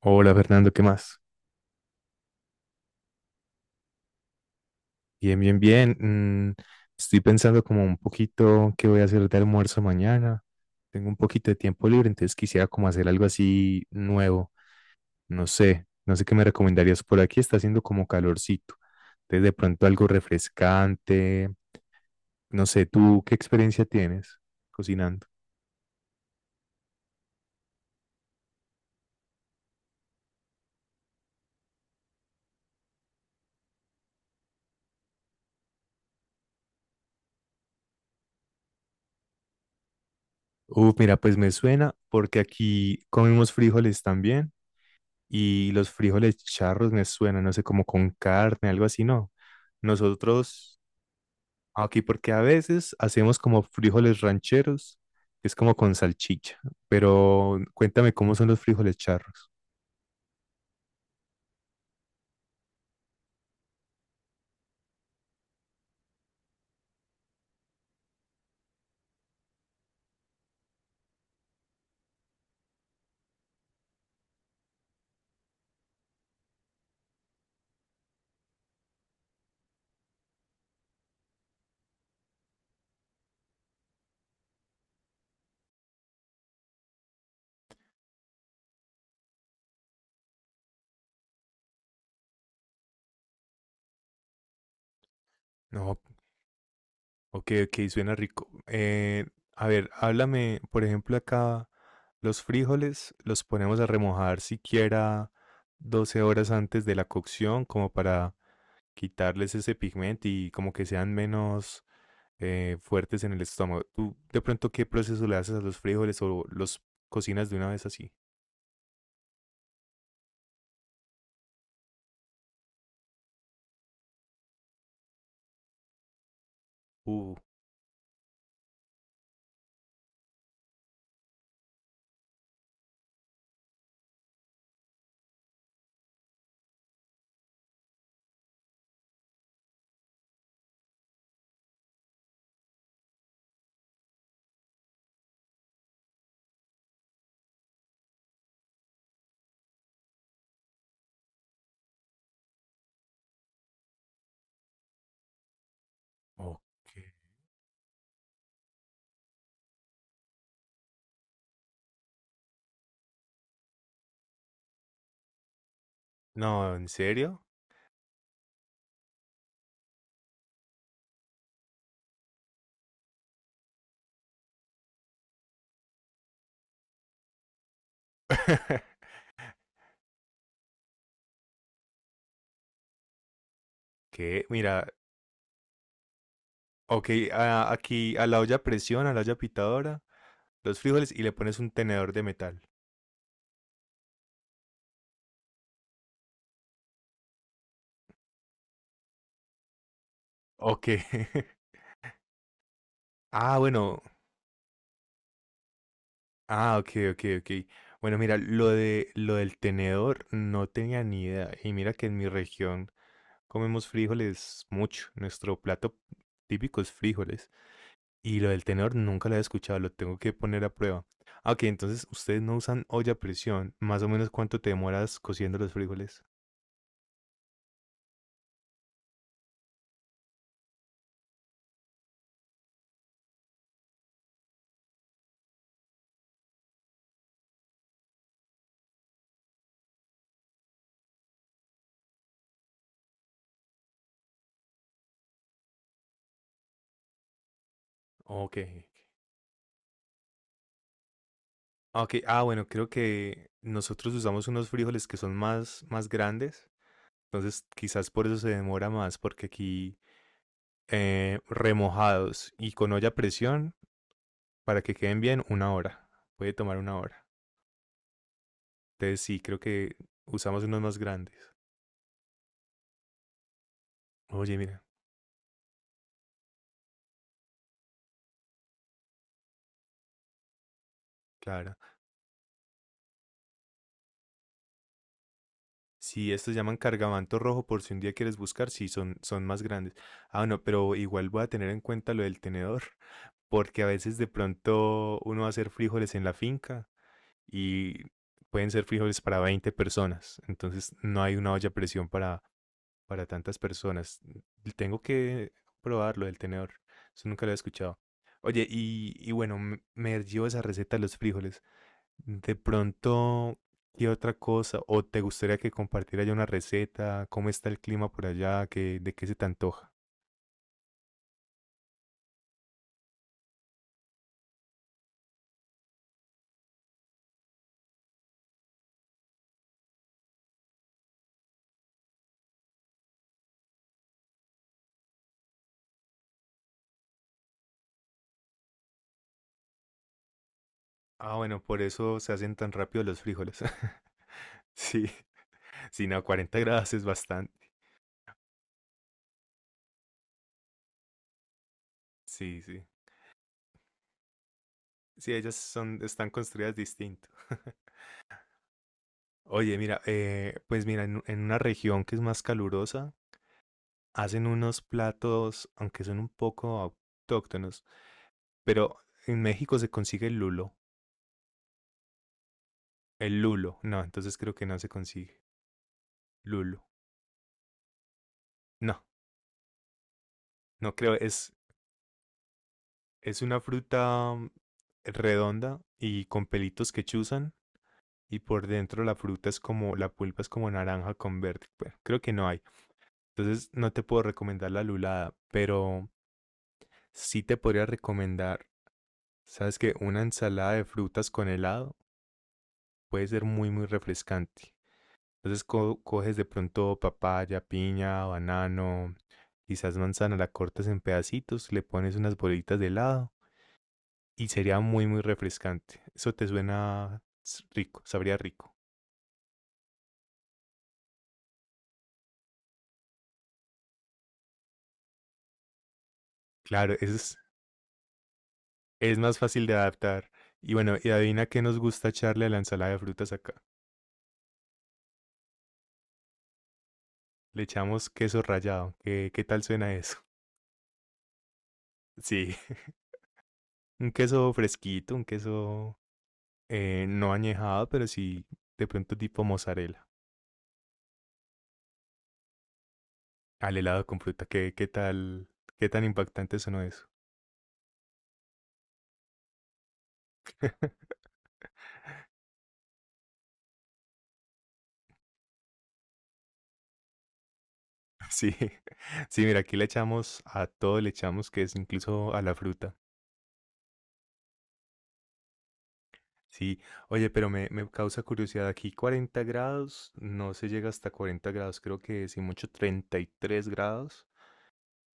Hola Fernando, ¿qué más? Bien, bien, bien. Mm, estoy pensando como un poquito qué voy a hacer de almuerzo mañana. Tengo un poquito de tiempo libre, entonces quisiera como hacer algo así nuevo. No sé, no sé qué me recomendarías. Por aquí está haciendo como calorcito. Entonces de pronto algo refrescante. No sé, ¿tú qué experiencia tienes cocinando? Mira, pues me suena porque aquí comemos frijoles también y los frijoles charros me suenan, no sé, como con carne, algo así, ¿no? Nosotros aquí, porque a veces hacemos como frijoles rancheros, que es como con salchicha, pero cuéntame cómo son los frijoles charros. No, ok, ok, suena rico. A ver, háblame, por ejemplo, acá los frijoles los ponemos a remojar siquiera 12 horas antes de la cocción, como para quitarles ese pigmento y como que sean menos fuertes en el estómago. ¿Tú de pronto qué proceso le haces a los frijoles o los cocinas de una vez así? Uh, ok. No, ¿en serio? ¿Qué? Mira, ok, aquí a la olla a presión, a la olla pitadora, los frijoles y le pones un tenedor de metal. Ok. Ah, bueno. Ah, ok, ok, ok. Bueno, mira, lo del tenedor no tenía ni idea. Y mira que en mi región comemos frijoles mucho. Nuestro plato típico es frijoles. Y lo del tenedor nunca lo he escuchado, lo tengo que poner a prueba. Ah, ok, entonces ustedes no usan olla a presión. Más o menos cuánto te demoras cociendo los frijoles. Ok. Ah, ok, ah, bueno, creo que nosotros usamos unos frijoles que son más, más grandes. Entonces quizás por eso se demora más, porque aquí remojados y con olla a presión, para que queden bien, 1 hora. Puede tomar 1 hora. Entonces sí, creo que usamos unos más grandes. Oye, mira, claro. Sí, estos llaman cargamanto rojo por si un día quieres buscar, sí, son más grandes. Ah, no, pero igual voy a tener en cuenta lo del tenedor, porque a veces de pronto uno va a hacer frijoles en la finca y pueden ser frijoles para 20 personas, entonces no hay una olla a presión para tantas personas. Tengo que probar lo del tenedor, eso nunca lo he escuchado. Oye, y bueno, me dio esa receta de los frijoles. De pronto, ¿qué otra cosa? ¿O te gustaría que compartiera yo una receta? ¿Cómo está el clima por allá? ¿Qué, de qué se te antoja? Ah, bueno, por eso se hacen tan rápido los frijoles. Sí, sí, no, 40 grados es bastante. Sí, sí. Sí, ellas son, están construidas distinto. Oye, mira, pues mira, en una región que es más calurosa, hacen unos platos, aunque son un poco autóctonos, pero en México se consigue el lulo. El lulo. No, entonces creo que no se consigue. Lulo. No, no creo. Es una fruta redonda y con pelitos que chuzan. Y por dentro la fruta es como, la pulpa es como naranja con verde. Bueno, creo que no hay. Entonces no te puedo recomendar la lulada, pero sí te podría recomendar, sabes que una ensalada de frutas con helado puede ser muy, muy refrescante. Entonces coges de pronto papaya, piña, banano, quizás manzana, la cortas en pedacitos, le pones unas bolitas de helado y sería muy, muy refrescante. Eso te suena rico, sabría rico. Claro, eso es, más fácil de adaptar. Y bueno, y adivina qué nos gusta echarle a la ensalada de frutas acá. Le echamos queso rallado. ¿Qué tal suena eso? Sí, un queso fresquito, un queso no añejado, pero sí de pronto tipo mozzarella. Al helado con fruta, ¿qué tal? ¿Qué tan impactante sonó eso? Sí, sí, mira, aquí le echamos a todo, le echamos que es incluso a la fruta. Sí, oye, pero me causa curiosidad, aquí 40 grados, no se llega hasta 40 grados, creo que si mucho 33 grados.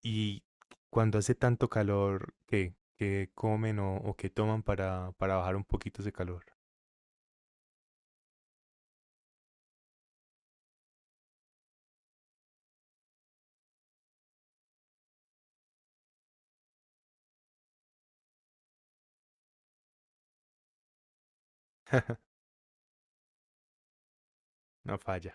Y cuando hace tanto calor, ¿qué comen o qué toman para bajar un poquito ese calor? No falla.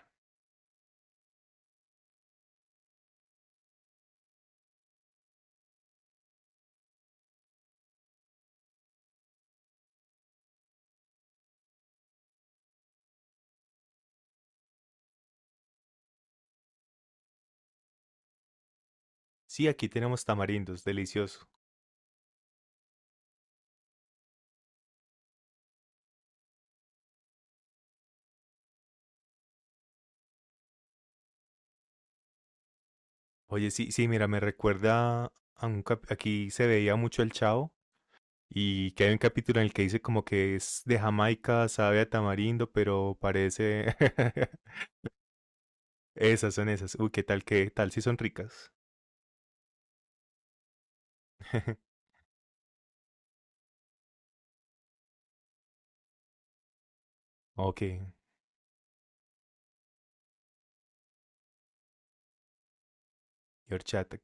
Sí, aquí tenemos tamarindos, delicioso. Oye, sí, sí, mira, me recuerda a un aquí se veía mucho el Chavo y que hay un capítulo en el que dice como que es de Jamaica, sabe a tamarindo, pero parece esas son esas. Uy, qué tal si son ricas. Ok, y horchata.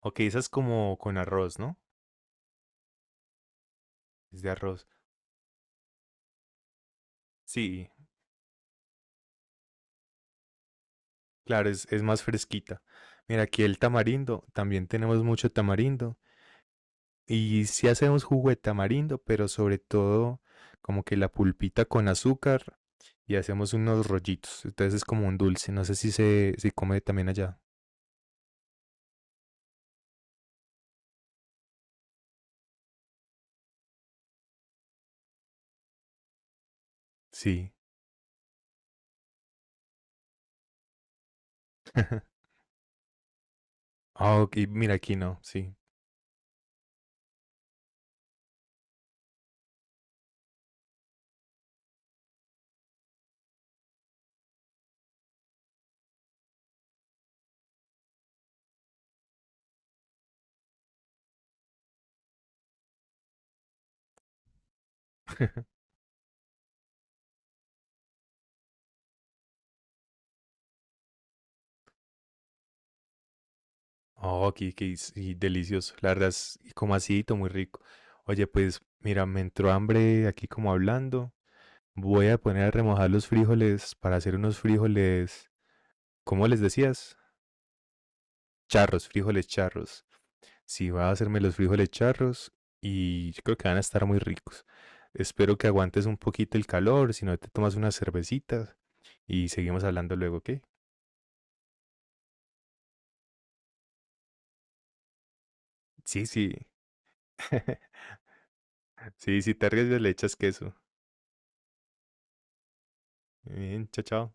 Ok, esa es como con arroz, ¿no? Es de arroz. Sí, claro, es más fresquita. Mira, aquí el tamarindo, también tenemos mucho tamarindo. Y sí hacemos jugo de tamarindo, pero sobre todo como que la pulpita con azúcar y hacemos unos rollitos. Entonces es como un dulce. No sé si se si come también allá. Sí. Ah, ok, mira aquí no, sí. Oh, aquí, que y delicioso. La verdad es como acidito, muy rico. Oye, pues mira, me entró hambre aquí como hablando. Voy a poner a remojar los frijoles para hacer unos frijoles, ¿cómo les decías? Charros, frijoles charros. Sí, va a hacerme los frijoles charros y yo creo que van a estar muy ricos. Espero que aguantes un poquito el calor, si no te tomas unas cervecitas y seguimos hablando luego, ¿ok? Sí, sí. Sí, si te arriesgas le echas queso. Bien, chao, chao.